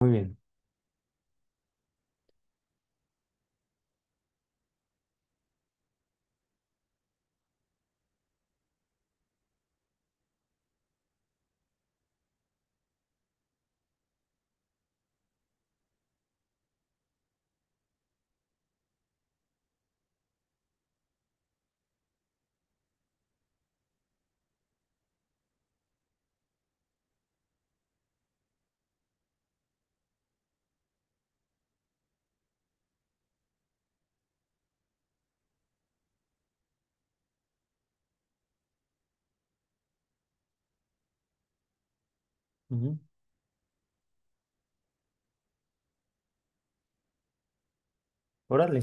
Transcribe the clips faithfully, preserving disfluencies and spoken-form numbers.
Muy bien. Ujú. Órale.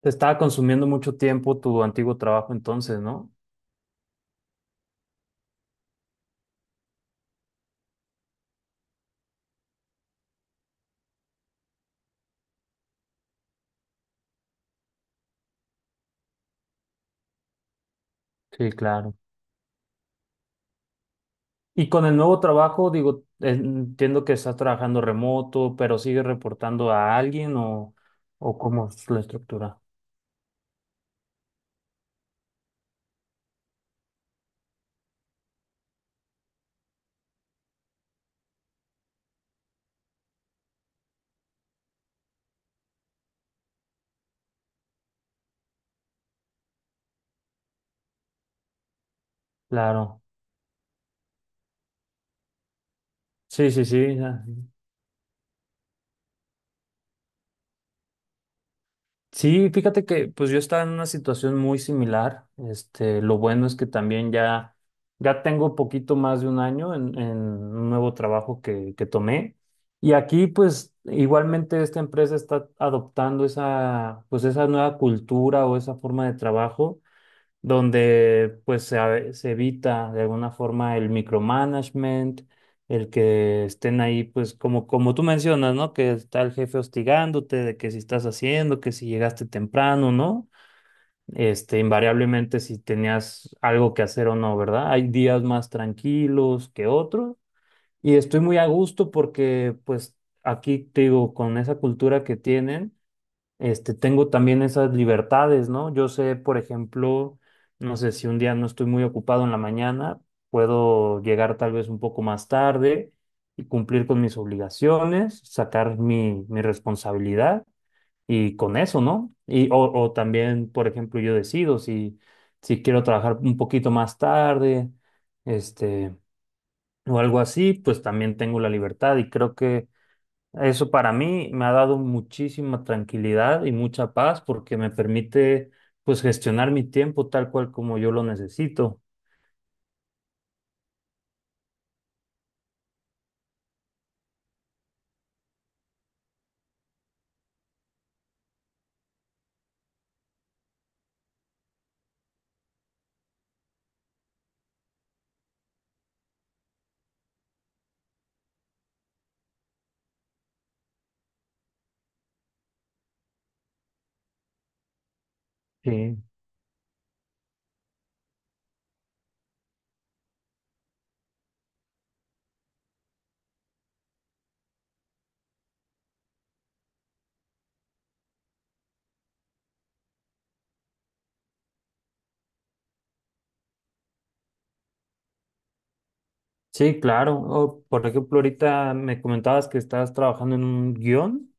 Te estaba consumiendo mucho tiempo tu antiguo trabajo entonces, ¿no? Sí, claro. Y con el nuevo trabajo, digo, entiendo que estás trabajando remoto, pero sigues reportando a alguien o, o cómo es la estructura. Claro. Sí, sí, sí. Sí, fíjate que pues yo estaba en una situación muy similar. Este, lo bueno es que también ya, ya tengo poquito más de un año en, en un nuevo trabajo que, que tomé. Y aquí pues igualmente esta empresa está adoptando esa, pues esa nueva cultura o esa forma de trabajo donde pues se, a- se evita de alguna forma el micromanagement, el que estén ahí pues como, como tú mencionas, ¿no? Que está el jefe hostigándote de que si estás haciendo, que si llegaste temprano, ¿no? Este, invariablemente si tenías algo que hacer o no, ¿verdad? Hay días más tranquilos que otros y estoy muy a gusto porque pues aquí te digo, con esa cultura que tienen este, tengo también esas libertades, ¿no? Yo sé, por ejemplo, no sé si un día no estoy muy ocupado en la mañana, puedo llegar tal vez un poco más tarde y cumplir con mis obligaciones, sacar mi, mi responsabilidad y con eso, ¿no? Y, o, o también, por ejemplo, yo decido si, si quiero trabajar un poquito más tarde, este, o algo así, pues también tengo la libertad y creo que eso para mí me ha dado muchísima tranquilidad y mucha paz porque me permite pues gestionar mi tiempo tal cual como yo lo necesito. Sí, sí, claro. O, por ejemplo, ahorita me comentabas que estabas trabajando en un guión.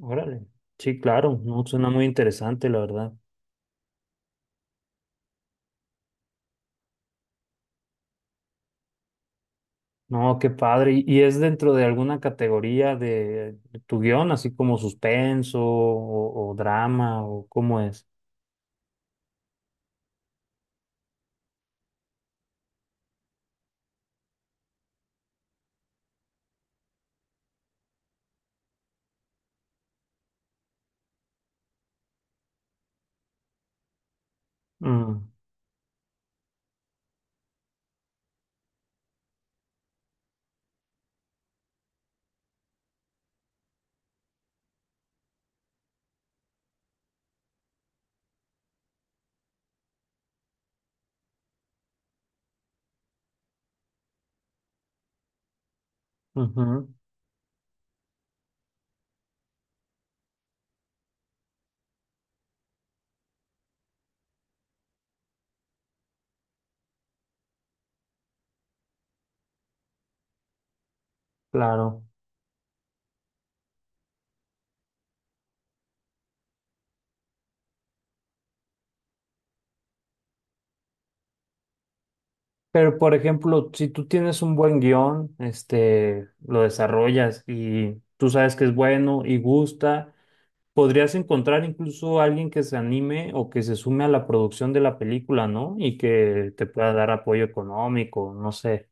Órale. Sí, claro. No, suena muy interesante, la verdad. No, qué padre. ¿Y y es dentro de alguna categoría de, de tu guión, así como suspenso o, o drama o cómo es? Mm, ujú, claro. Pero, por ejemplo, si tú tienes un buen guión, este, lo desarrollas y tú sabes que es bueno y gusta, podrías encontrar incluso a alguien que se anime o que se sume a la producción de la película, ¿no? Y que te pueda dar apoyo económico, no sé.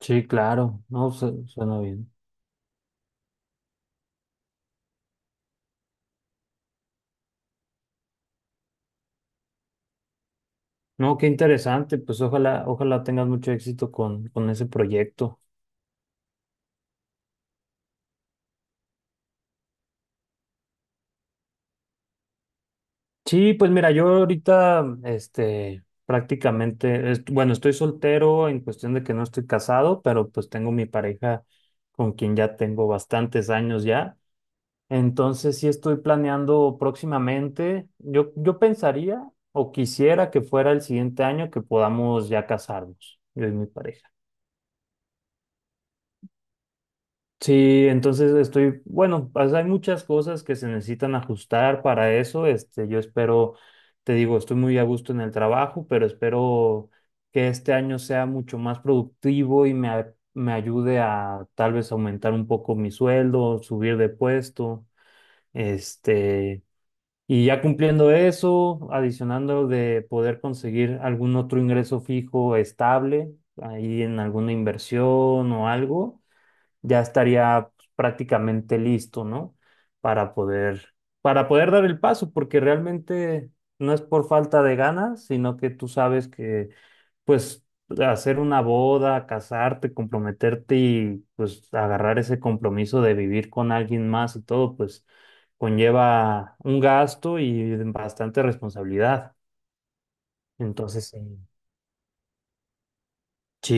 Sí, claro, no, su- suena bien. No, qué interesante, pues ojalá, ojalá tengas mucho éxito con, con ese proyecto. Sí, pues mira, yo ahorita, este, prácticamente, est- bueno, estoy soltero en cuestión de que no estoy casado, pero pues tengo mi pareja con quien ya tengo bastantes años ya. Entonces sí estoy planeando próximamente. Yo, yo pensaría o quisiera que fuera el siguiente año que podamos ya casarnos, yo y mi pareja. Sí, entonces estoy, bueno, pues hay muchas cosas que se necesitan ajustar para eso. Este, yo espero, te digo, estoy muy a gusto en el trabajo, pero espero que este año sea mucho más productivo y me, a- me ayude a tal vez aumentar un poco mi sueldo, subir de puesto, este, y ya cumpliendo eso, adicionando de poder conseguir algún otro ingreso fijo estable, ahí en alguna inversión o algo ya estaría pues, prácticamente listo, ¿no? Para poder, para poder dar el paso, porque realmente no es por falta de ganas, sino que tú sabes que, pues, hacer una boda, casarte, comprometerte y, pues, agarrar ese compromiso de vivir con alguien más y todo, pues, conlleva un gasto y bastante responsabilidad. Entonces, sí. Sí,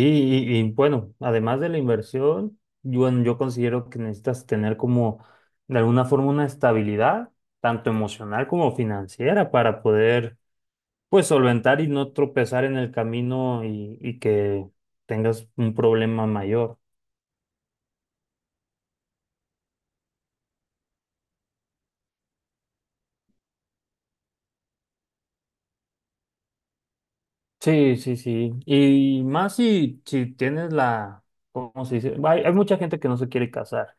y, y, bueno, además de la inversión, yo, bueno, yo considero que necesitas tener como de alguna forma una estabilidad, tanto emocional como financiera, para poder pues solventar y no tropezar en el camino y, y que tengas un problema mayor. Sí, sí, sí. Y más si, si tienes la, ¿cómo se dice? Hay, hay mucha gente que no se quiere casar.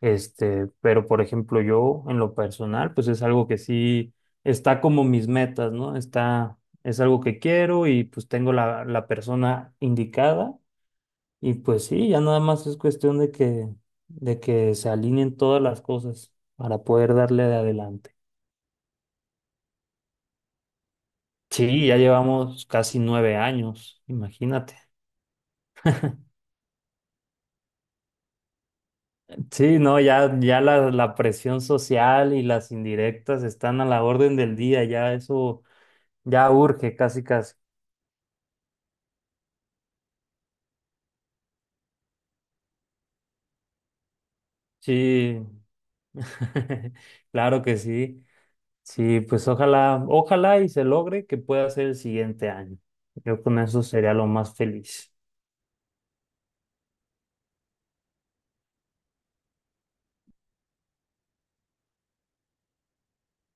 Este, pero por ejemplo, yo en lo personal, pues es algo que sí está como mis metas, ¿no? Está, es algo que quiero y pues tengo la, la persona indicada y pues sí, ya nada más es cuestión de que, de que se alineen todas las cosas para poder darle de adelante. Sí, ya llevamos casi nueve años, imagínate. Sí, no, ya, ya la, la presión social y las indirectas están a la orden del día, ya eso ya urge casi casi. Sí, claro que sí. Sí, pues ojalá, ojalá y se logre que pueda ser el siguiente año. Yo con eso sería lo más feliz.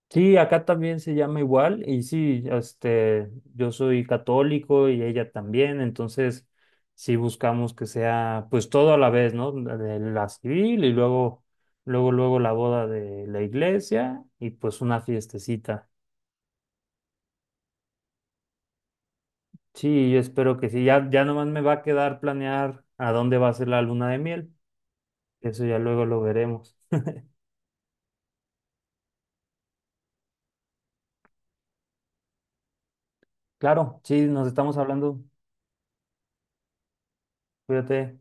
Sí, acá también se llama igual y sí, este, yo soy católico y ella también, entonces sí buscamos que sea pues todo a la vez, ¿no? La de la civil y luego, luego, luego la boda de la iglesia y pues una fiestecita. Sí, yo espero que sí. Ya, ya nomás me va a quedar planear a dónde va a ser la luna de miel. Eso ya luego lo veremos. Claro, sí, nos estamos hablando. Cuídate.